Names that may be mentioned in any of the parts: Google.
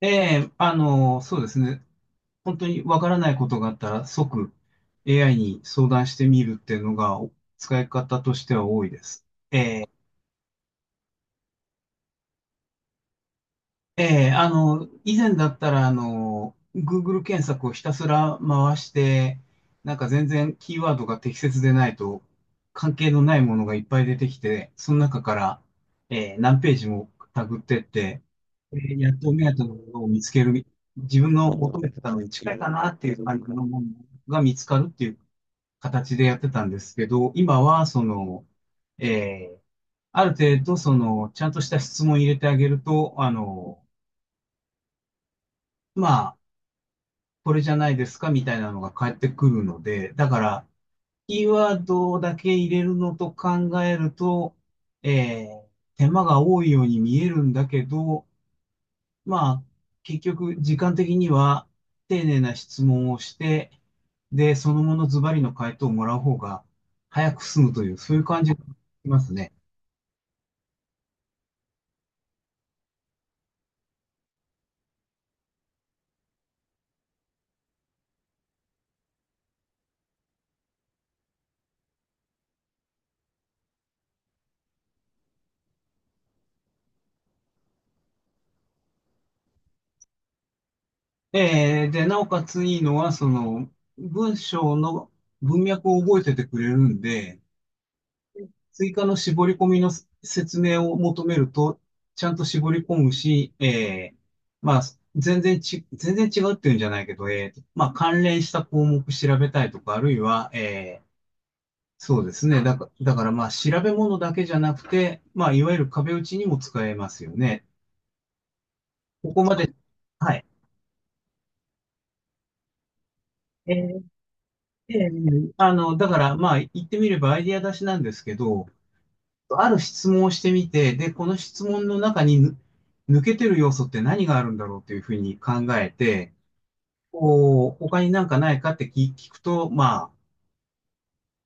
えそうですね。本当にわからないことがあったら即 AI に相談してみるっていうのがお使い方としては多いです。えええ、あの、以前だったら、Google 検索をひたすら回して、なんか全然キーワードが適切でないと、関係のないものがいっぱい出てきて、その中から、何ページもタグってって、やっと目当てのものを見つける、自分の求めてたのに近いかなっていう感じのものが見つかるっていう形でやってたんですけど、今は、その、ええ、ある程度、その、ちゃんとした質問を入れてあげると、まあ、これじゃないですかみたいなのが返ってくるので、だから、キーワードだけ入れるのと考えると、えー手間が多いように見えるんだけど、まあ、結局、時間的には丁寧な質問をして、で、そのものズバリの回答をもらう方が早く済むという、そういう感じがしますね。で、なおかついいのは、その、文章の文脈を覚えててくれるんで、追加の絞り込みの説明を求めると、ちゃんと絞り込むし、まあ、全然違うっていうんじゃないけど、まあ、関連した項目調べたいとか、あるいは、ーそうですね。だからまあ、調べ物だけじゃなくて、まあ、いわゆる壁打ちにも使えますよね。ここまで、はい。えええあの、だからまあ、言ってみればアイディア出しなんですけど、ある質問をしてみて、で、この質問の中に抜けてる要素って何があるんだろうというふうに考えて、こう、他になんかないかって聞くと、まあ、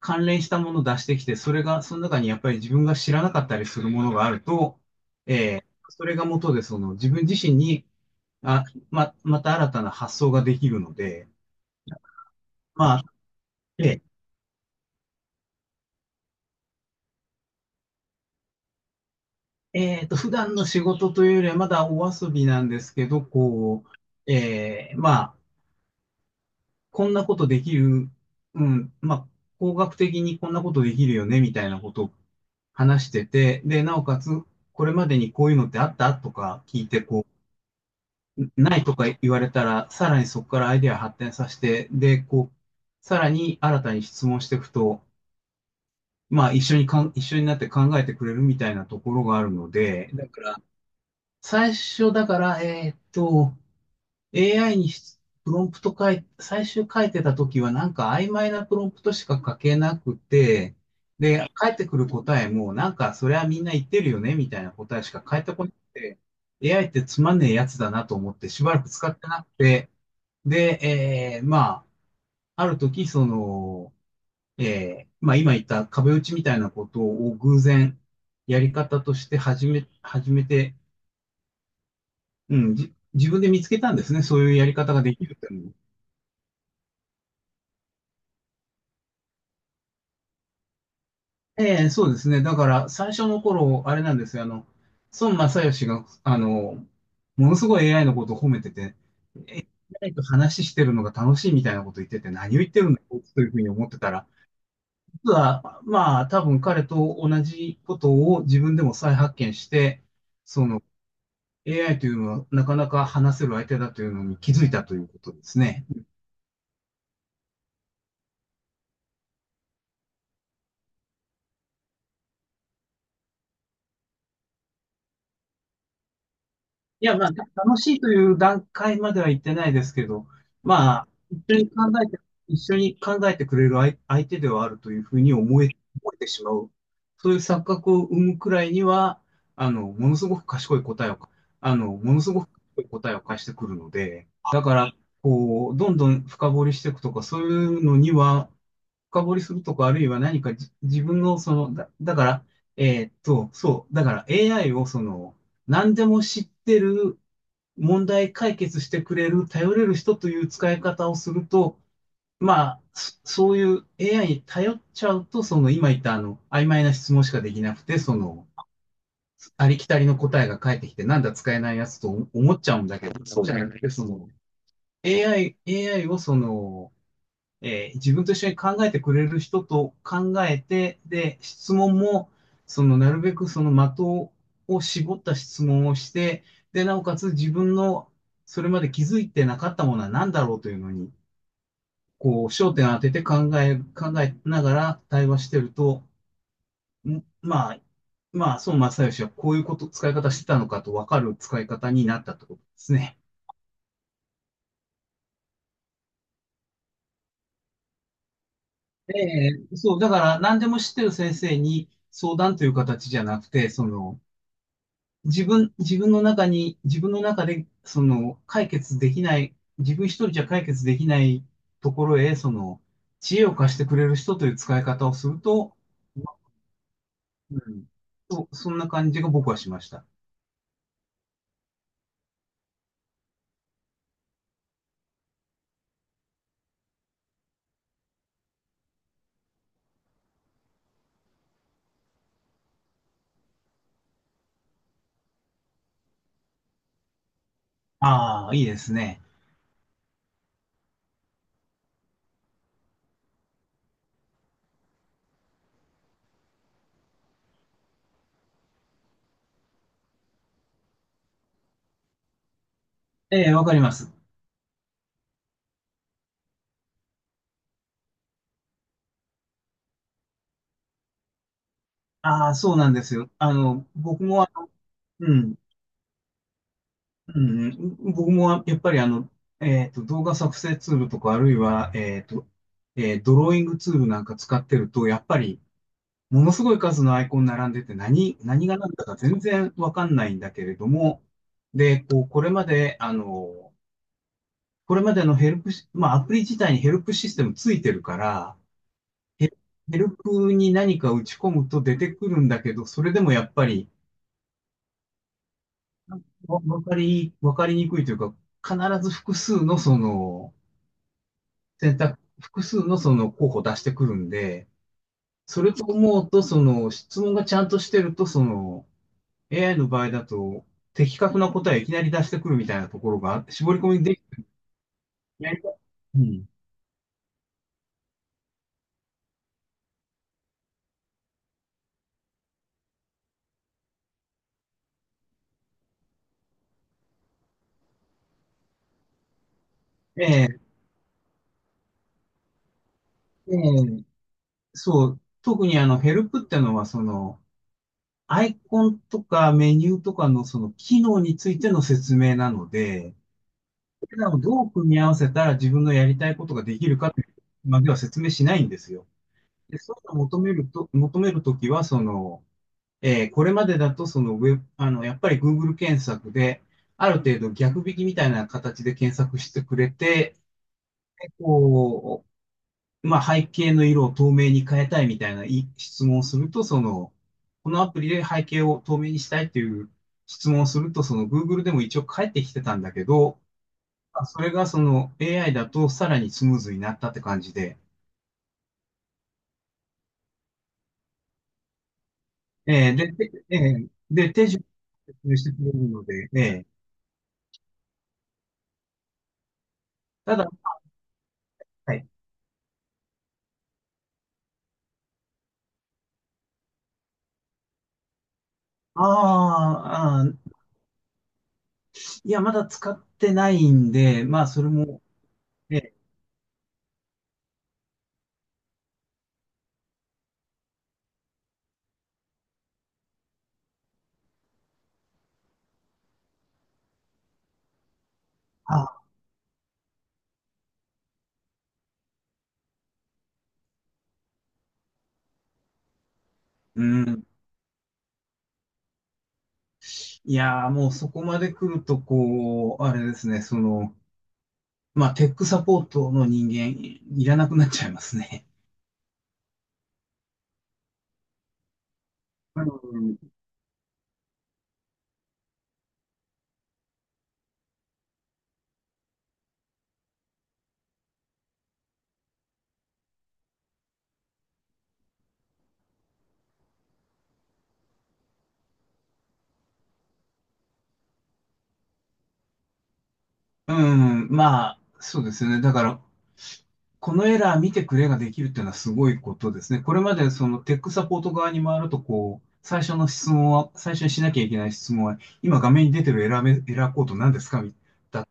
関連したものを出してきて、それが、その中にやっぱり自分が知らなかったりするものがあると、それが元で、その自分自身に、あ、ま、また新たな発想ができるので、まあ、で普段の仕事というよりはまだお遊びなんですけど、こう、まあ、こんなことできる、うん、まあ、工学的にこんなことできるよね、みたいなことを話してて、で、なおかつ、これまでにこういうのってあったとか聞いて、こう、ないとか言われたら、さらにそこからアイデア発展させて、で、こう、さらに新たに質問していくと、まあ、一緒になって考えてくれるみたいなところがあるので、だから、最初だから、AI にプロンプト最終書いてた時はなんか曖昧なプロンプトしか書けなくて、で、返ってくる答えもなんかそれはみんな言ってるよねみたいな答えしか返ってこなくて、AI ってつまんねえやつだなと思ってしばらく使ってなくて、で、まあ、ある時その、まあ今言った壁打ちみたいなことを偶然やり方として始めて、うん、自分で見つけたんですね。そういうやり方ができるっていうのをそうですね。だから、最初の頃、あれなんですよ。あの、孫正義が、あの、ものすごい AI のことを褒めてて、誰と話してるのが楽しいみたいなこと言ってて、何を言ってるんだ、こいつというふうに思ってたら、実は、まあ、多分彼と同じことを自分でも再発見して、その、AI というのはなかなか話せる相手だというのに気づいたということですね。いや、まあ、楽しいという段階までは行ってないですけど、まあ、一緒に考えて、一緒に考えてくれる相手ではあるというふうに思えてしまう。そういう錯覚を生むくらいには、ものすごく賢い答えを、ものすごく賢い答えを返してくるので、だから、こう、どんどん深掘りしていくとか、そういうのには、深掘りするとか、あるいは何か自分の、その、だから、そう、だから AI をその、何でも知ってる、問題解決してくれる、頼れる人という使い方をすると、まあ、そういう AI に頼っちゃうと、その今言った曖昧な質問しかできなくて、その、ありきたりの答えが返ってきて、なんだ使えないやつと思っちゃうんだけど、そうじゃなくて、その、AI をその、自分と一緒に考えてくれる人と考えて、で、質問も、その、なるべくその的を絞った質問をして、で、なおかつ自分のそれまで気づいてなかったものは何だろうというのに、こう、焦点を当てて考えながら対話してると、まあ、まあ、孫正義はこういうこと、使い方してたのかと分かる使い方になったってことですね。えそう、だから何でも知ってる先生に相談という形じゃなくて、その、自分の中に、自分の中で、その、解決できない、自分一人じゃ解決できないところへ、その、知恵を貸してくれる人という使い方をすると、うん、そう、そんな感じが僕はしました。ああ、いいですね。ええ、わかります。ああ、そうなんですよ。あの、僕もあの、うん、うん僕もやっぱりあの、動画作成ツールとか、あるいは、ドローイングツールなんか使ってると、やっぱり、ものすごい数のアイコン並んでて何が何だか全然わかんないんだけれども、で、こう、これまで、あの、これまでのヘルプし、まあ、アプリ自体にヘルプシステムついてるから、ヘヘルプに何か打ち込むと出てくるんだけど、それでもやっぱり、わかりにくいというか、必ず複数のその、複数のその候補出してくるんで、それと思うと、その、質問がちゃんとしてると、その、AI の場合だと、的確な答えをいきなり出してくるみたいなところがあって、絞り込みできない。うん。ええ、ええ、そう。特にあの、ヘルプってのは、その、アイコンとかメニューとかのその機能についての説明なので、それらをどう組み合わせたら自分のやりたいことができるかってまでは説明しないんですよ。で、そういうのを求めると、求めるときは、これまでだと、そのウェブ、あの、やっぱり Google 検索で、ある程度逆引きみたいな形で検索してくれて、でこう、まあ、背景の色を透明に変えたいみたいない質問をすると、このアプリで背景を透明にしたいという質問をすると、その Google でも一応返ってきてたんだけど、まあそれがその AI だとさらにスムーズになったって感じで、えーで、てえーで、手順を説明してくれるので、ただ、はい。あーあー、いや、まだ使ってないんで、まあ、それも、ね、あ、うん。いやー、もうそこまで来ると、こう、あれですね、その、まあ、テックサポートの人間、いらなくなっちゃいますね。うん、うんまあ、そうですよね。だから、このエラー見てくれができるっていうのはすごいことですね。これまでそのテックサポート側に回ると、こう、最初の質問は、最初にしなきゃいけない質問は、今画面に出てるエラーコード何ですかみたいな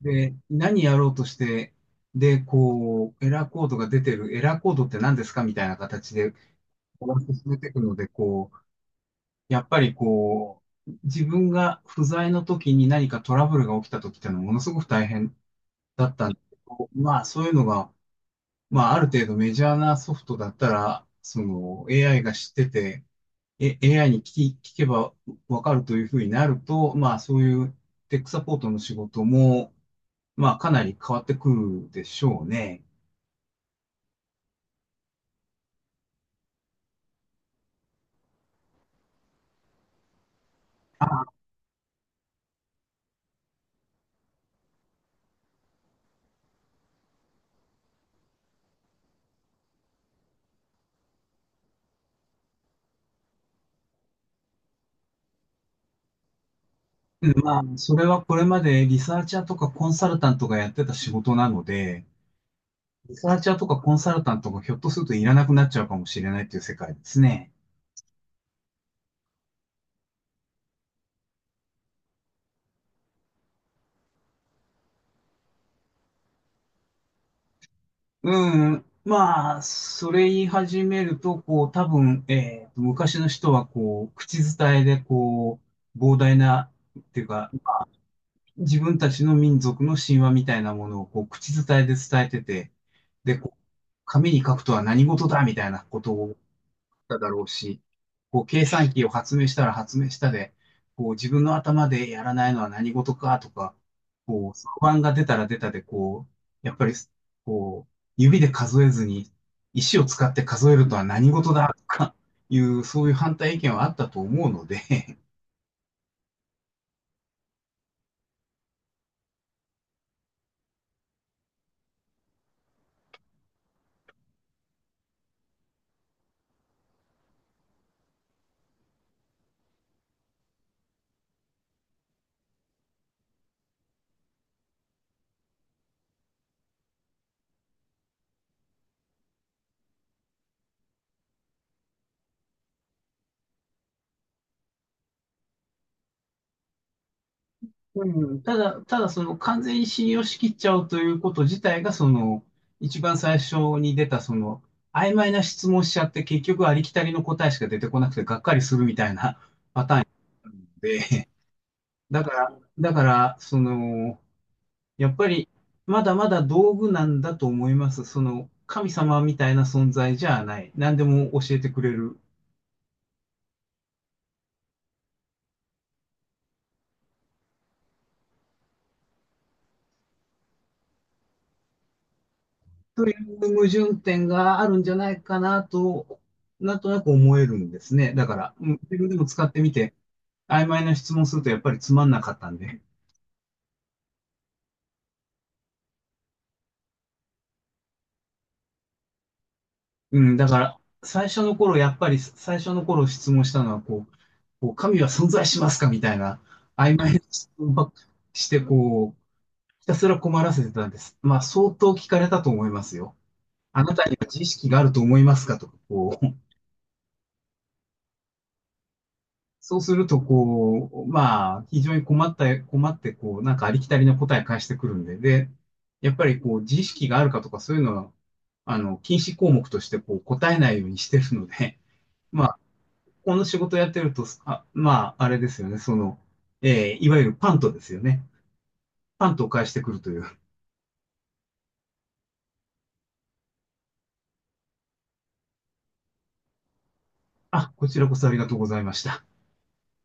で、何やろうとして、で、こう、エラーコードって何ですかみたいな形で、こう進めていくので、こう、やっぱりこう、自分が不在の時に何かトラブルが起きた時っていうのはものすごく大変だったんですけど、まあそういうのが、まあある程度メジャーなソフトだったら、その AI が知ってて、え AI に聞き、聞けばわかるというふうになると、まあそういうテックサポートの仕事も、まあ、かなり変わってくるでしょうね。まあ、それはこれまでリサーチャーとかコンサルタントがやってた仕事なので、リサーチャーとかコンサルタントがひょっとするといらなくなっちゃうかもしれないっていう世界ですね。うん。まあ、それ言い始めると、多分、昔の人は、こう、口伝えで、こう、膨大な、っていうか、自分たちの民族の神話みたいなものを、こう、口伝えで伝えてて、で、こう紙に書くとは何事だみたいなことをただろうし、こう、計算機を発明したら発明したで、こう、自分の頭でやらないのは何事かとか、こう、不安が出たら出たで、こう、やっぱり、こう、指で数えずに、石を使って数えるとは何事だとかいう、そういう反対意見はあったと思うので、うん、ただその完全に信用しきっちゃうということ自体が、その、一番最初に出た、その、曖昧な質問しちゃって、結局ありきたりの答えしか出てこなくてがっかりするみたいな、で、だから、やっぱり、まだまだ道具なんだと思います。その、神様みたいな存在じゃない。何でも教えてくれる。という矛盾点があるんじゃないかなと、なんとなく思えるんですね。だから、うん自分でも使ってみて、曖昧な質問するとやっぱりつまんなかったんで。うん、だから、最初の頃質問したのは、こう、神は存在しますかみたいな、曖昧な質問ばっかりして、こう、ひたすら困らせてたんです。まあ、相当聞かれたと思いますよ。あなたには知識があると思いますかとか、こう。そうすると、こう、まあ、非常に困った、困って、こう、なんかありきたりな答え返してくるんで、で、やっぱりこう、知識があるかとかそういうのは、あの、禁止項目としてこう、答えないようにしてるので、まあ、この仕事やってると、あ、まあ、あれですよね、その、えーいわゆるパントですよね。パントを返してくるという。あ、こちらこそありがとうございました。